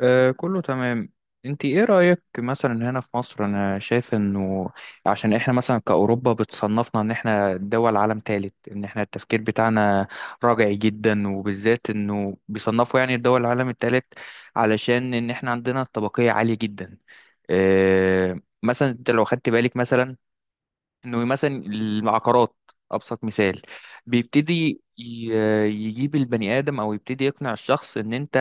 آه، كله تمام. انت ايه رأيك مثلا هنا في مصر؟ انا شايف انه عشان احنا مثلا كأوروبا بتصنفنا ان احنا دول عالم ثالث، ان احنا التفكير بتاعنا راجعي جدا، وبالذات انه بيصنفوا يعني الدول العالم الثالث علشان ان احنا عندنا الطبقية عالية جدا. آه مثلا انت لو خدت بالك مثلا انه مثلا العقارات ابسط مثال. بيبتدي ي- يجيب البني ادم او يبتدي يقنع الشخص ان انت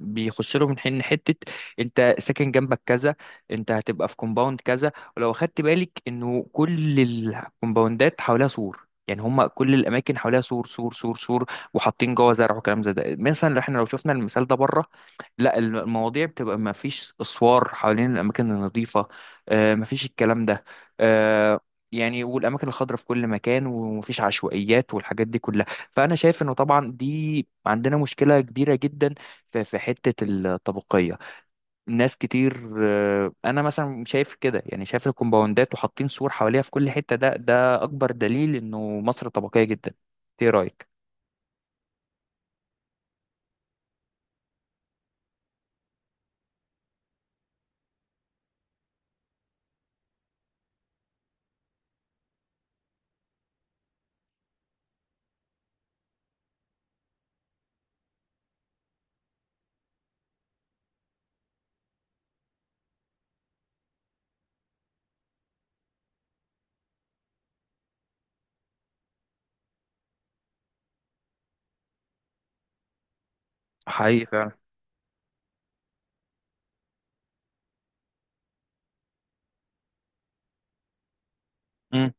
بيخش له من حين حته: انت ساكن جنبك كذا، انت هتبقى في كومباوند كذا. ولو خدت بالك انه كل الكومباوندات حواليها سور، يعني هم كل الاماكن حواليها سور سور سور سور، وحاطين جوه زرع وكلام زي ده. مثلا احنا لو شفنا المثال ده بره، لا، المواضيع بتبقى ما فيش اسوار حوالين الاماكن النظيفه، آه، ما فيش الكلام ده، آه، يعني والاماكن الخضراء في كل مكان ومفيش عشوائيات والحاجات دي كلها. فانا شايف انه طبعا دي عندنا مشكله كبيره جدا في حته الطبقيه. ناس كتير آه، انا مثلا شايف كده، يعني شايف الكومباوندات وحاطين سور حواليها في كل حته، ده اكبر دليل انه مصر طبقيه جدا. ايه رايك؟ حقيقي فعلا. امم.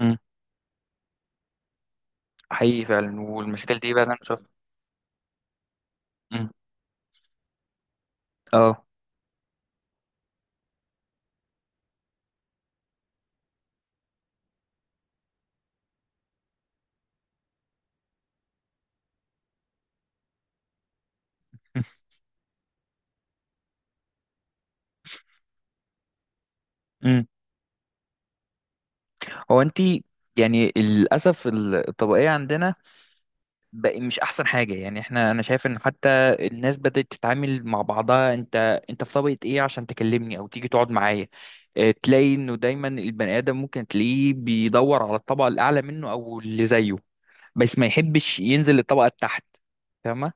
امم. حقيقي فعلا، والمشاكل دي بقى انا شايفها. امم. اه. امم. هو انت، يعني للاسف الطبقيه عندنا بقى مش احسن حاجه. يعني احنا انا شايف ان حتى الناس بدات تتعامل مع بعضها: انت في طبقه ايه عشان تكلمني او تيجي تقعد معايا؟ آه، تلاقي انه دايما البني ادم ممكن تلاقيه بيدور على الطبقه الاعلى منه او اللي زيه، بس ما يحبش ينزل للطبقه التحت. فاهمه؟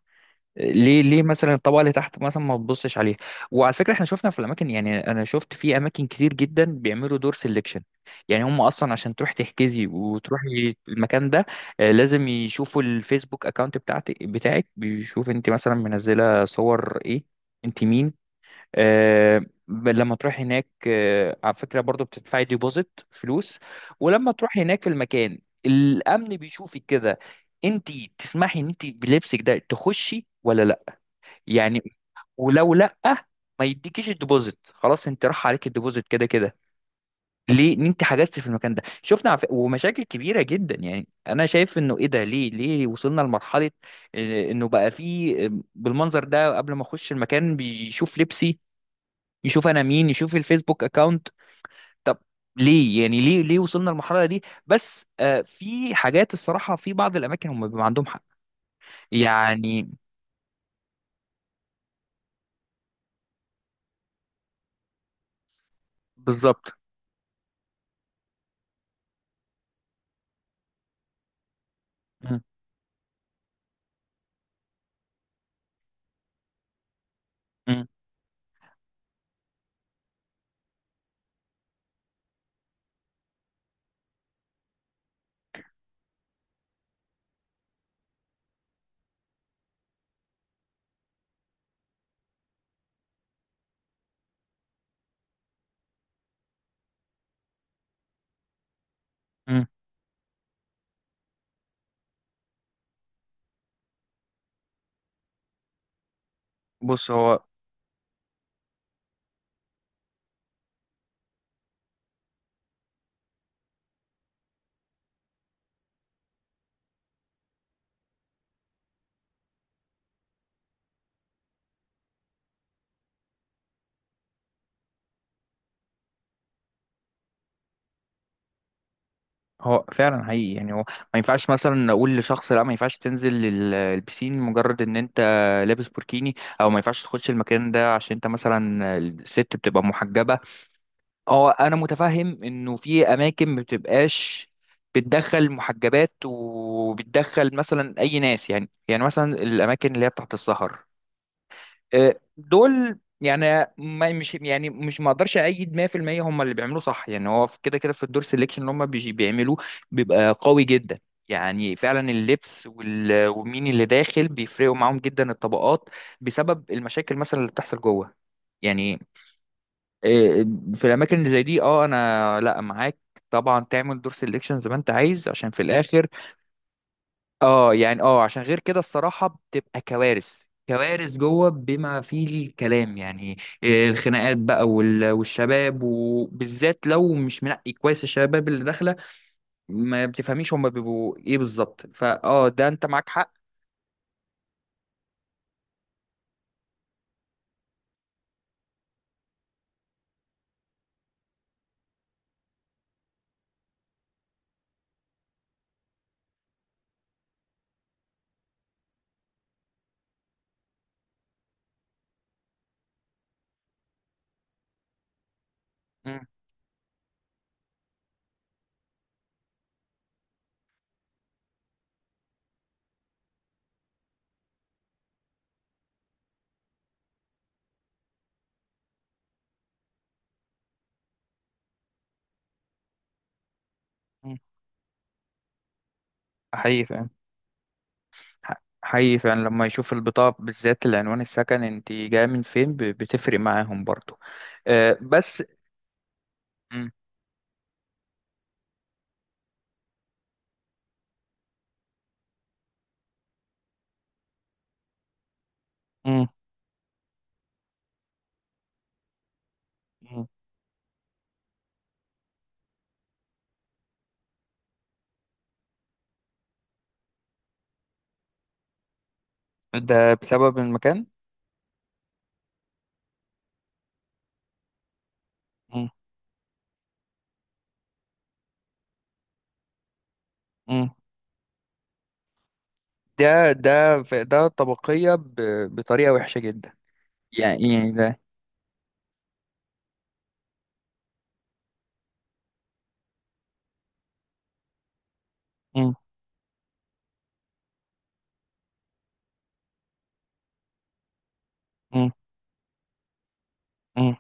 ليه ليه مثلا الطبقه اللي تحت مثلا ما تبصش عليها؟ وعلى فكره احنا شفنا في الاماكن، يعني انا شفت في اماكن كتير جدا بيعملوا دور سيلكشن. يعني هم اصلا عشان تروح تحجزي وتروحي المكان ده، آه، لازم يشوفوا الفيسبوك اكونت بتاعتك، بتاعك بيشوف انت مثلا منزله صور ايه، انت مين. آه، لما تروح هناك، آه على فكره برضو بتدفعي ديبوزيت فلوس، ولما تروح هناك في المكان الامن بيشوفك كده: انت تسمحي ان انت بلبسك ده تخشي ولا لا؟ يعني ولو لا، ما يديكيش الديبوزيت، خلاص انت راح عليك الديبوزيت كده كده. ليه؟ ان انت حجزت في المكان ده. ومشاكل كبيره جدا. يعني انا شايف انه ايه ده؟ ليه ليه وصلنا لمرحله اه، انه بقى فيه اه، بالمنظر ده قبل ما اخش المكان بيشوف لبسي، يشوف انا مين، يشوف الفيسبوك اكاونت؟ طب ليه؟ يعني ليه ليه وصلنا للمرحله دي؟ بس آه في حاجات الصراحه في بعض الاماكن هم بيبقى عندهم حق. يعني بالظبط. م- م- م. بص هو، هو فعلا حقيقي، يعني هو ما ينفعش مثلا نقول لشخص لا، ما ينفعش تنزل البسين مجرد ان انت لابس بوركيني، او ما ينفعش تخش المكان ده عشان انت مثلا الست بتبقى محجبة. اه انا متفهم انه في اماكن ما بتبقاش بتدخل محجبات وبتدخل مثلا اي ناس، يعني مثلا الاماكن اللي هي بتاعت السهر، آه، دول يعني ما مش يعني مش، ما اقدرش ايد 100% هم اللي بيعملوه صح. يعني هو كده كده في الدور سيلكشن اللي هم بيعملوه بيبقى قوي جدا. يعني فعلا اللبس ومين اللي داخل بيفرقوا معاهم جدا الطبقات، بسبب المشاكل مثلا اللي بتحصل جوه. يعني آه، في الاماكن اللي زي دي اه انا لا، معاك طبعا تعمل دور سيلكشن زي ما انت عايز، عشان في الاخر اه، يعني اه عشان غير كده الصراحة بتبقى كوارث، كوارث جوه بما فيه الكلام. يعني إيه، الخناقات بقى والشباب، وبالذات لو مش منقي كويس الشباب اللي داخلة ما بتفهميش هما بيبقوا ايه بالظبط. فاه، ده انت معاك حق. مم. مم. حقيقي فعلا. حقيقي فعلا، لما يشوف البطاقة بالذات العنوان، السكن انت جاية من فين، بتفرق معاهم برضو. آه، بس مم. مم. مم. ده بسبب المكان. مم. مم. ده طبقية بطريقة وحشة جدا. يعني ده. مم. مم. مم.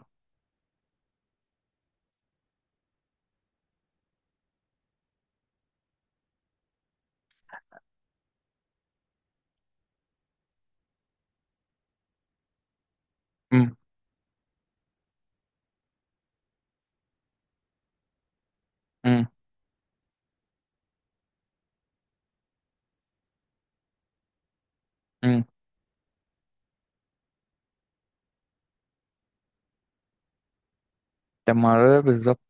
مم. مم. مم. طب ما ده بالظبط.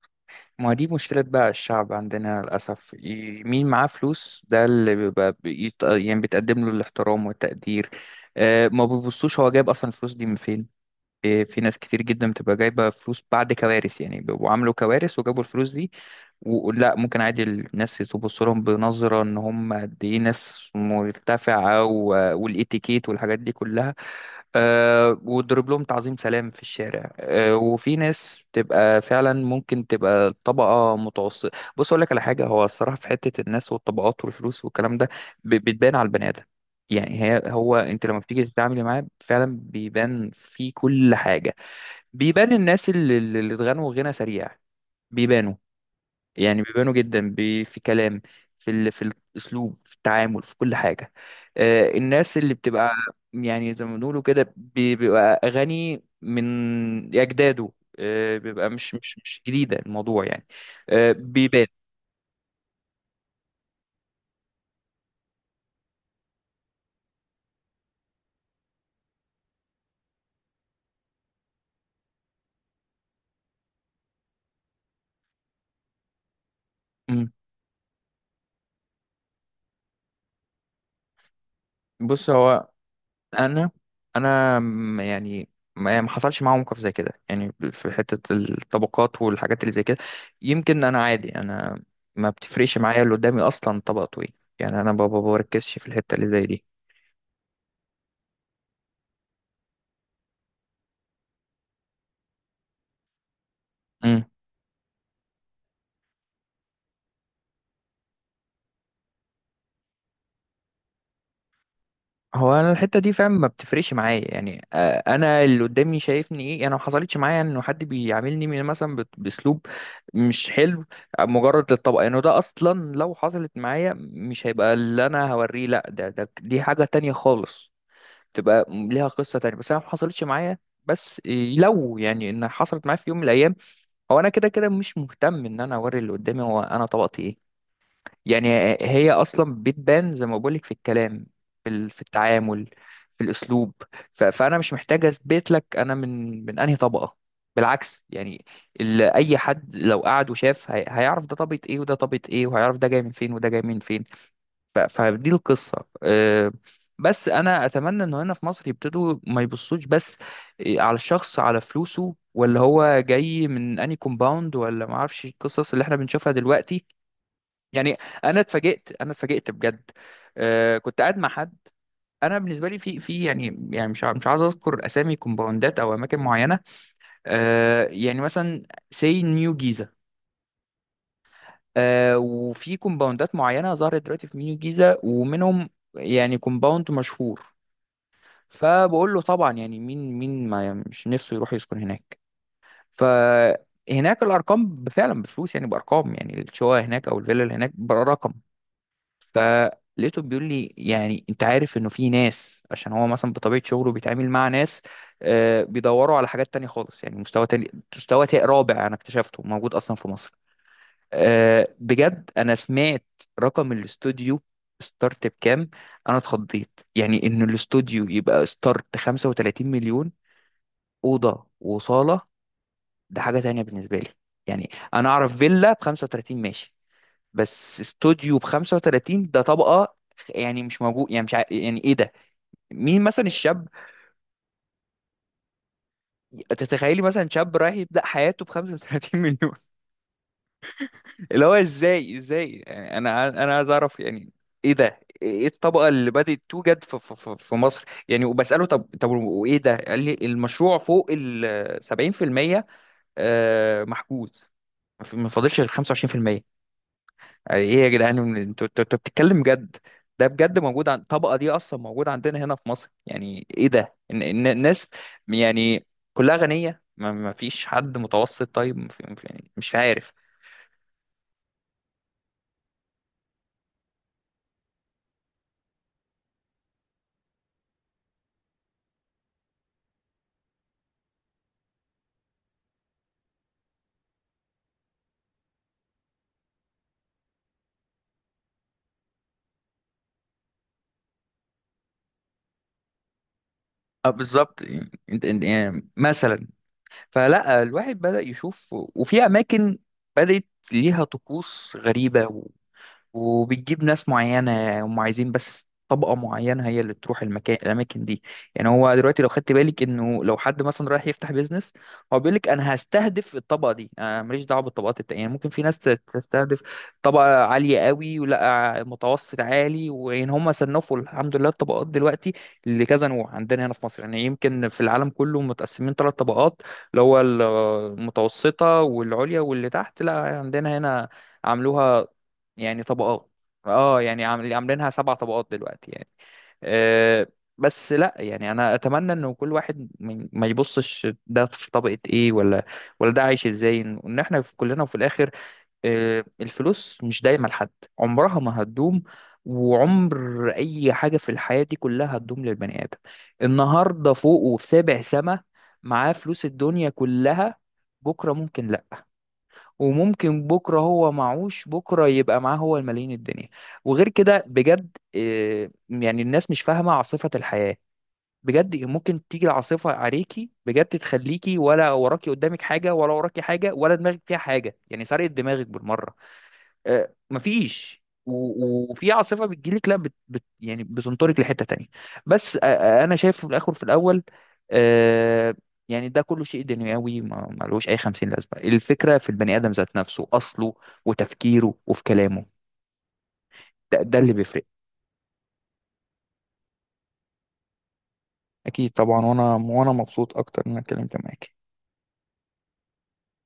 ما دي مشكلة بقى الشعب عندنا للأسف، مين معاه فلوس ده اللي بيبقى يعني بتقدم له الاحترام والتقدير. آه، ما بيبصوش هو جايب أصلا الفلوس دي من فين. آه، في ناس كتير جدا بتبقى جايبة فلوس بعد كوارث، يعني بيبقوا عملوا كوارث وجابوا الفلوس دي، ولا ممكن عادي الناس تبص لهم بنظرة ان هم قد ايه ناس مرتفعة والاتيكيت والحاجات دي كلها، أه، وتضرب لهم تعظيم سلام في الشارع. أه، وفي ناس تبقى فعلا ممكن تبقى طبقة متوسطة. بص اقول لك على حاجة، هو الصراحة في حتة الناس والطبقات والفلوس والكلام ده بتبان على البني آدم. يعني هي، هو انت لما بتيجي تتعاملي معاه فعلا بيبان في كل حاجة. بيبان الناس اللي اتغنوا غنى سريع بيبانوا. يعني بيبانوا جدا في كلام، في في الاسلوب، في التعامل، في كل حاجه. آه، الناس اللي بتبقى يعني زي ما بنقولوا كده بيبقى اغاني من اجداده، آه، بيبقى مش جديده الموضوع يعني، آه، بيبان. مم. بص هو، انا انا يعني ما، يعني ما حصلش معايا موقف زي كده، يعني في حتة الطبقات والحاجات اللي زي كده، يمكن انا عادي، انا ما بتفرقش معايا اللي قدامي اصلا طبقته ايه. يعني انا بابا بركزش في الحتة اللي زي دي. مم. هو انا الحتة دي فعلا ما بتفرقش معايا، يعني آه، انا اللي قدامي شايفني ايه. انا ما حصلتش معايا انه حد بيعاملني مثلا باسلوب مش حلو مجرد للطبقة. يعني ده اصلا لو حصلت معايا مش هيبقى اللي انا هوريه، لا ده دي حاجة تانية خالص، تبقى ليها قصة تانية. بس انا ما حصلتش معايا، بس لو يعني ان حصلت معايا في يوم من الايام، هو انا كده كده مش مهتم ان انا اوري اللي قدامي هو انا طبقتي ايه. يعني هي اصلا بتبان زي ما بقولك في الكلام، في التعامل، في الاسلوب. فانا مش محتاج اثبت لك انا من انهي طبقة. بالعكس يعني، اي حد لو قعد وشاف هيعرف ده طبقة ايه وده طبقة ايه، وهيعرف ده جاي من فين وده جاي من فين. فدي القصة آه، بس أنا أتمنى إنه هنا في مصر يبتدوا ما يبصوش بس، آه، على الشخص، على فلوسه، ولا هو جاي من أني كومباوند، ولا ما أعرفش القصص اللي إحنا بنشوفها دلوقتي. يعني أنا اتفاجئت، أنا اتفاجئت بجد. آه، كنت قاعد مع حد. أنا بالنسبة لي، في يعني مش مش عايز أذكر أسامي كومباوندات أو أماكن معينة، آه، يعني مثلا سي نيو جيزة، آه، وفي كومباوندات معينة ظهرت دلوقتي في نيو جيزة ومنهم يعني كومباوند مشهور. فبقول له طبعا، يعني مين ما مش نفسه يروح يسكن هناك. فهناك الارقام فعلا بفلوس، يعني بارقام، يعني الشقه هناك او الفيلا اللي هناك برقم. فلقيته بيقول لي، يعني انت عارف انه في ناس، عشان هو مثلا بطبيعه شغله بيتعامل مع ناس، آه، بيدوروا على حاجات تانية خالص. يعني مستوى تاني، مستوى رابع، انا اكتشفته موجود اصلا في مصر. أه بجد انا سمعت رقم الاستوديو ستارت بكام. انا اتخضيت يعني ان الاستوديو يبقى ستارت 35 مليون. اوضه وصاله! ده حاجه تانية بالنسبه لي. يعني انا اعرف فيلا ب 35 ماشي، بس استوديو ب 35 ده طبقه، يعني مش موجود. يعني مش ع... يعني ايه ده؟ مين مثلا الشاب؟ تتخيلي مثلا شاب رايح يبدا حياته ب 35 مليون؟ اللي هو ازاي ازاي؟ يعني انا انا عايز اعرف، يعني ايه ده؟ ايه الطبقه اللي بدات توجد في في مصر؟ يعني وبساله طب، وايه ده، قال لي المشروع فوق ال 70% آه، محجوز، ما فاضلش غير 25%. يعني ايه يا جدعان، انتوا انتوا بتتكلم جد؟ ده بجد موجود؟ عن الطبقه دي اصلا موجوده عندنا هنا في مصر؟ يعني ايه ده؟ إن الناس يعني كلها غنيه؟ ما فيش حد متوسط؟ طيب ما في- ما في- يعني مش عارف. اه بالظبط. يعني انت يعني مثلا، فلا الواحد بدأ يشوف. وفي اماكن بدأت ليها طقوس غريبة، وبتجيب ناس معينة هم عايزين بس طبقة معينة هي اللي تروح المكان، الأماكن دي. يعني هو دلوقتي لو خدت بالك إنه لو حد مثلا رايح يفتح بيزنس، هو بيقول لك أنا هستهدف الطبقة دي، أنا ماليش دعوة بالطبقات التانية. يعني ممكن في ناس تستهدف طبقة عالية قوي ولا متوسط عالي. وإن هم صنفوا، الحمد لله، الطبقات دلوقتي لكذا نوع عندنا هنا في مصر. يعني يمكن في العالم كله متقسمين ثلاث طبقات، اللي هو المتوسطة والعليا واللي تحت. لا، عندنا هنا عملوها يعني طبقات، اه يعني عاملينها سبع طبقات دلوقتي يعني. أه بس لا، يعني انا اتمنى انه كل واحد ما يبصش ده في طبقة ايه، ولا ولا ده عايش ازاي. ان احنا في كلنا في الاخر. أه، الفلوس مش دايما لحد، عمرها ما هتدوم، وعمر اي حاجة في الحياة دي كلها هتدوم للبني ادم. النهاردة فوق وفي سابع سما، معاه فلوس الدنيا كلها، بكرة ممكن لا، وممكن بكره هو معهوش، بكره يبقى معاه هو الملايين الدنيا. وغير كده بجد آه، يعني الناس مش فاهمه عاصفه الحياه. بجد ممكن تيجي العاصفه عليكي بجد، تخليكي ولا وراكي قدامك حاجه، ولا وراكي حاجه، ولا دماغك فيها حاجه، يعني سرقت دماغك بالمره، آه، مفيش وفي عاصفه بتجيلك، لا بت يعني بتنطرك لحته تانية. بس آه، آه، انا شايف في الاخر في الاول آه، يعني ده كله شيء دنيوي، ما لهوش اي 50 لازمه. الفكره في البني ادم ذات نفسه اصله وتفكيره وفي كلامه. ده اللي بيفرق. اكيد طبعا، وانا مبسوط اكتر ان انا اتكلمت معاك.